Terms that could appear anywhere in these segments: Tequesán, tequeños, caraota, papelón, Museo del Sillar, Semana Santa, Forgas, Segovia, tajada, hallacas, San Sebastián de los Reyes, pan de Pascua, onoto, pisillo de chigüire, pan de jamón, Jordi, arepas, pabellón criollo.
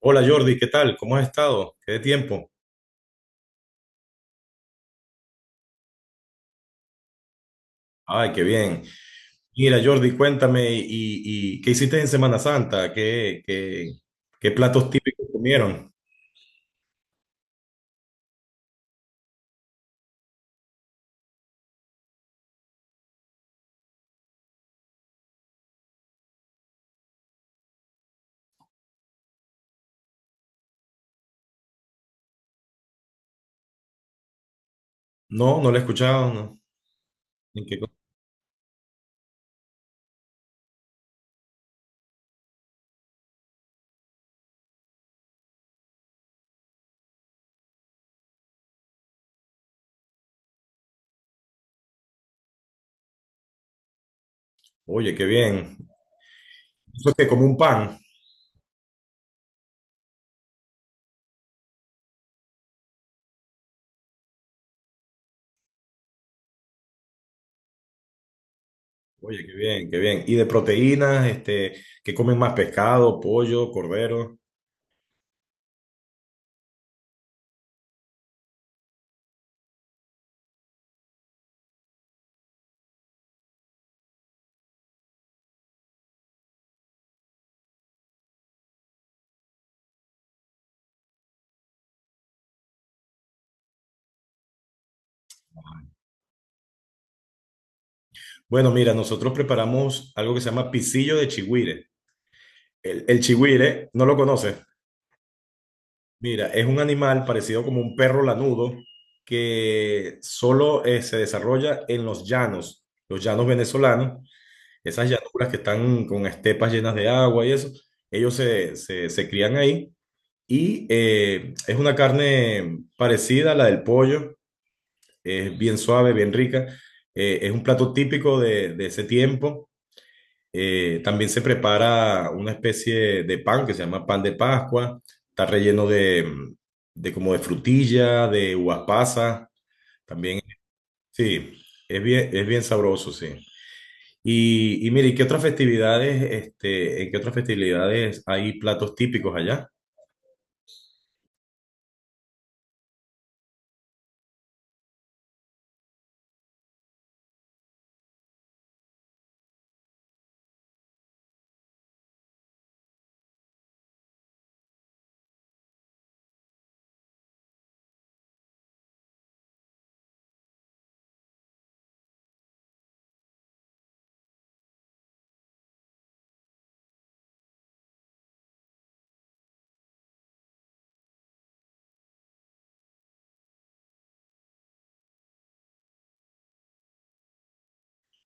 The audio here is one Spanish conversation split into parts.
Hola Jordi, ¿qué tal? ¿Cómo has estado? ¿Qué de tiempo? Ay, qué bien. Mira, Jordi, cuéntame, ¿Y qué hiciste en Semana Santa? ¿Qué platos típicos comieron? No, no lo he escuchado, no. ¿En qué co- Oye, qué bien. Eso es que como un pan. Oye, qué bien, qué bien. Y de proteínas, este, ¿qué comen más? Pescado, pollo, cordero. Bueno, mira, nosotros preparamos algo que se llama pisillo de chigüire. El chigüire, ¿no lo conoces? Mira, es un animal parecido como un perro lanudo que solo se desarrolla en los llanos venezolanos, esas llanuras que están con estepas llenas de agua y eso, ellos se crían ahí y es una carne parecida a la del pollo, es bien suave, bien rica, es un plato típico de ese tiempo. También se prepara una especie de pan que se llama pan de Pascua. Está relleno de como de frutilla, de uvas pasas. También, sí, es bien sabroso, sí. Y mire, ¿qué otras festividades, este, en qué otras festividades hay platos típicos allá?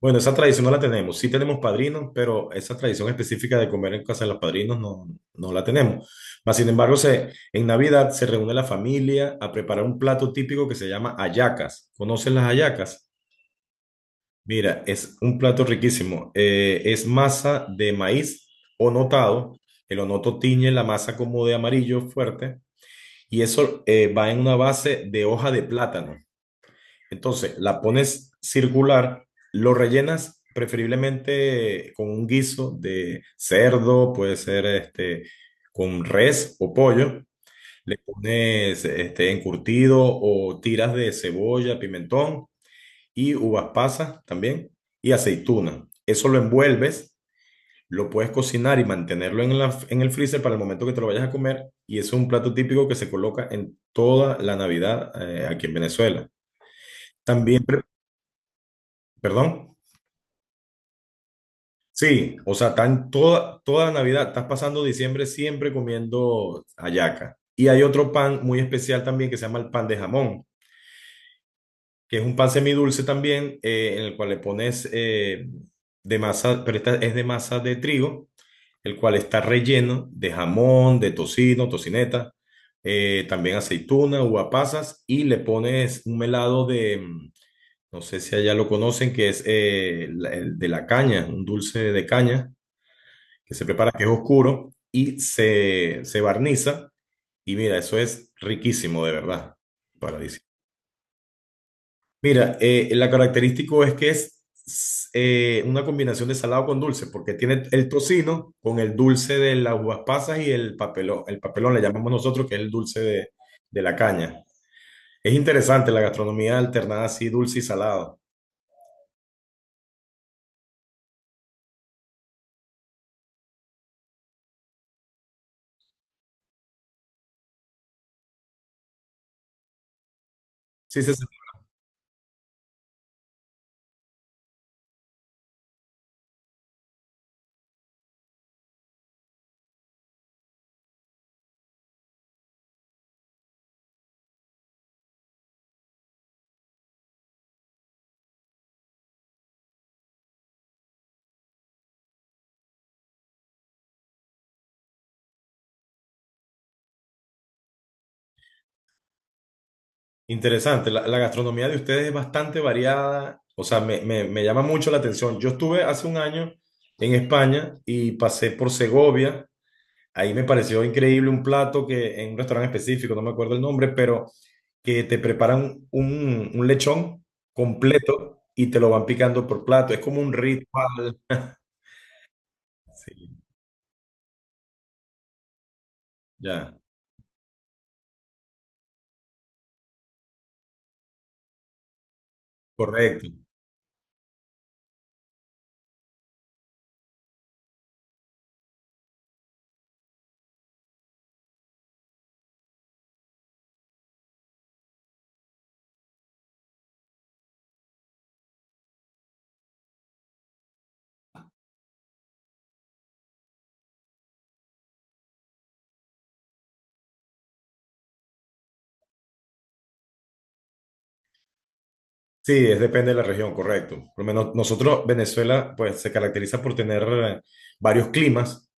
Bueno, esa tradición no la tenemos. Sí tenemos padrinos, pero esa tradición específica de comer en casa de los padrinos no, no la tenemos. Mas, sin embargo, en Navidad se reúne la familia a preparar un plato típico que se llama hallacas. ¿Conocen las hallacas? Mira, es un plato riquísimo. Es masa de maíz onotado. El onoto tiñe la masa como de amarillo fuerte y eso va en una base de hoja de plátano. Entonces, la pones circular, lo rellenas preferiblemente con un guiso de cerdo, puede ser este, con res o pollo. Le pones este, encurtido o tiras de cebolla, pimentón y uvas pasas también y aceituna. Eso lo envuelves, lo puedes cocinar y mantenerlo en el freezer para el momento que te lo vayas a comer. Y es un plato típico que se coloca en toda la Navidad, aquí en Venezuela. También, perdón. Sí, o sea, están toda Navidad, estás pasando diciembre siempre comiendo hallaca. Y hay otro pan muy especial también que se llama el pan de jamón, que es un pan semidulce también, en el cual le pones, de masa, pero esta es de masa de trigo, el cual está relleno de jamón, de tocino, tocineta, también aceituna, uva pasas, y le pones un melado de, no sé si allá lo conocen, que es el de la caña, un dulce de caña que se prepara, que es oscuro, y se barniza. Y mira, eso es riquísimo, de verdad, paradisíaco. Mira, la característico es que es una combinación de salado con dulce, porque tiene el tocino con el dulce de las uvas pasas y el papelón. El papelón le llamamos nosotros, que es el dulce de la caña. Es interesante la gastronomía alternada así, dulce y salado. Sí, se Interesante, la gastronomía de ustedes es bastante variada, o sea, me llama mucho la atención. Yo estuve hace un año en España y pasé por Segovia, ahí me pareció increíble un plato que en un restaurante específico, no me acuerdo el nombre, pero que te preparan un lechón completo y te lo van picando por plato, es como un ritual. Sí, ya, correcto. Sí, es depende de la región, correcto. Por lo menos nosotros, Venezuela, pues se caracteriza por tener, varios climas.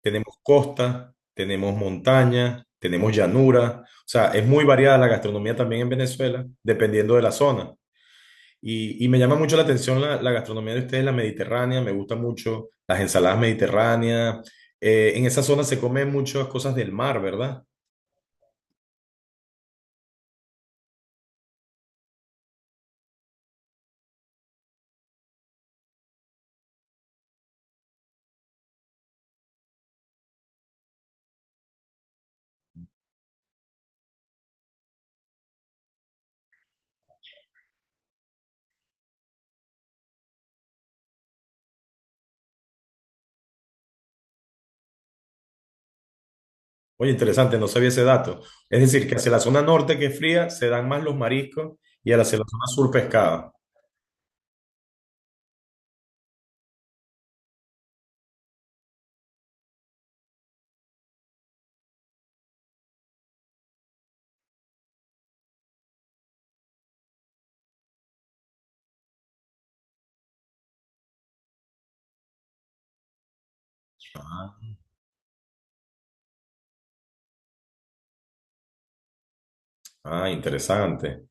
Tenemos costa, tenemos montaña, tenemos llanura. O sea, es muy variada la gastronomía también en Venezuela, dependiendo de la zona. Y me llama mucho la atención la gastronomía de ustedes, la mediterránea, me gusta mucho las ensaladas mediterráneas. En esa zona se comen muchas cosas del mar, ¿verdad? Oye, interesante, no sabía ese dato. Es decir, que hacia la zona norte que es fría, se dan más los mariscos y hacia la zona sur pescado. Ah, interesante.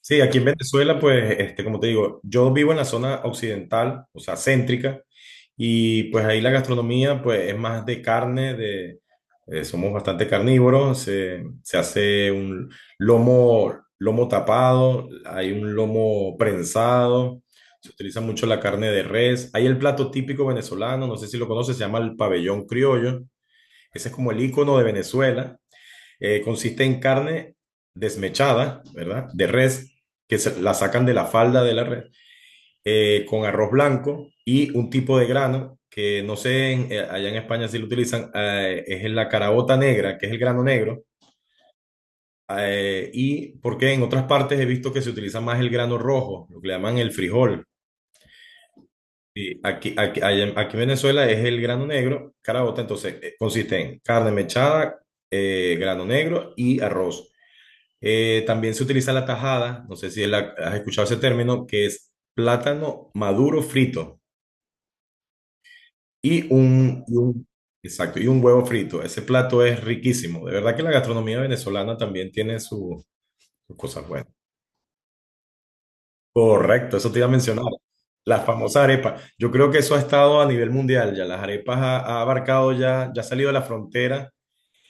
Sí, aquí en Venezuela, pues, este, como te digo, yo vivo en la zona occidental, o sea, céntrica, y pues ahí la gastronomía, pues, es más de carne, somos bastante carnívoros, se hace un lomo, lomo tapado, hay un lomo prensado, se utiliza mucho la carne de res, hay el plato típico venezolano, no sé si lo conoces, se llama el pabellón criollo, ese es como el icono de Venezuela, consiste en carne desmechada, ¿verdad? De res, que la sacan de la falda de la red, con arroz blanco y un tipo de grano que no sé, allá en España si lo utilizan, es la caraota negra, que es el grano negro, y porque en otras partes he visto que se utiliza más el grano rojo, lo que le llaman el frijol. Y aquí en Venezuela es el grano negro, caraota, entonces consiste en carne mechada, grano negro y arroz. También se utiliza la tajada, no sé si has escuchado ese término, que es plátano maduro frito y un, exacto, y un huevo frito. Ese plato es riquísimo. De verdad que la gastronomía venezolana también tiene sus cosas buenas. Correcto, eso te iba a mencionar. Las famosas arepas. Yo creo que eso ha estado a nivel mundial ya. Las arepas ha abarcado ya, ya ha salido de la frontera.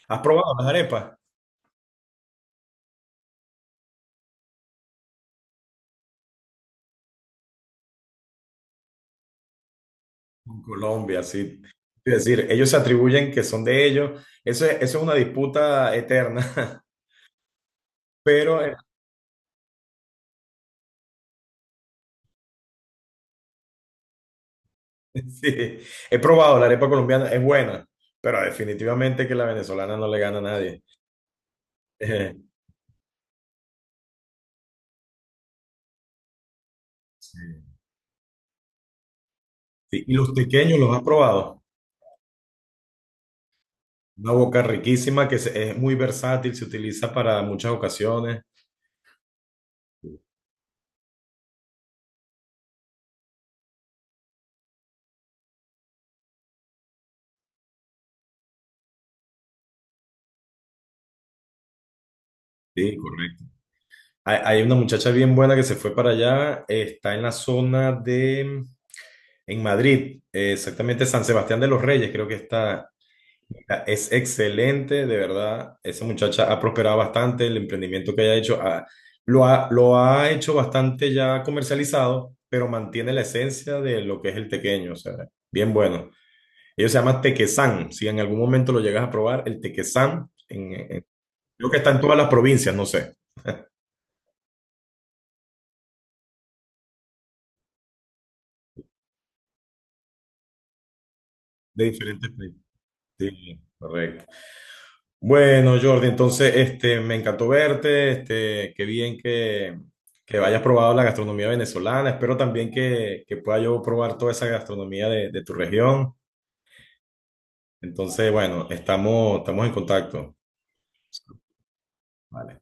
¿Has probado las arepas? Con Colombia, sí. Es decir, ellos se atribuyen que son de ellos. Eso es una disputa eterna. Pero sí, he probado la arepa colombiana, es buena, pero definitivamente que la venezolana no le gana a nadie. sí. Sí, y los tequeños los has probado. Una boca riquísima que es muy versátil, se utiliza para muchas ocasiones. Sí. Sí, correcto. Hay una muchacha bien buena que se fue para allá, está en la zona en Madrid, exactamente San Sebastián de los Reyes, creo que es excelente, de verdad. Esa muchacha ha prosperado bastante, el emprendimiento que haya hecho, lo ha hecho bastante ya comercializado, pero mantiene la esencia de lo que es el tequeño, o sea, bien bueno. Ellos se llaman Tequesán, si en algún momento lo llegas a probar, el Tequesán, creo que está en todas las provincias, no sé, de diferentes países. Sí, correcto. Bueno, Jordi, entonces, este, me encantó verte, este, qué bien que hayas probado la gastronomía venezolana, espero también que pueda yo probar toda esa gastronomía de tu región. Entonces, bueno, estamos en contacto. Vale.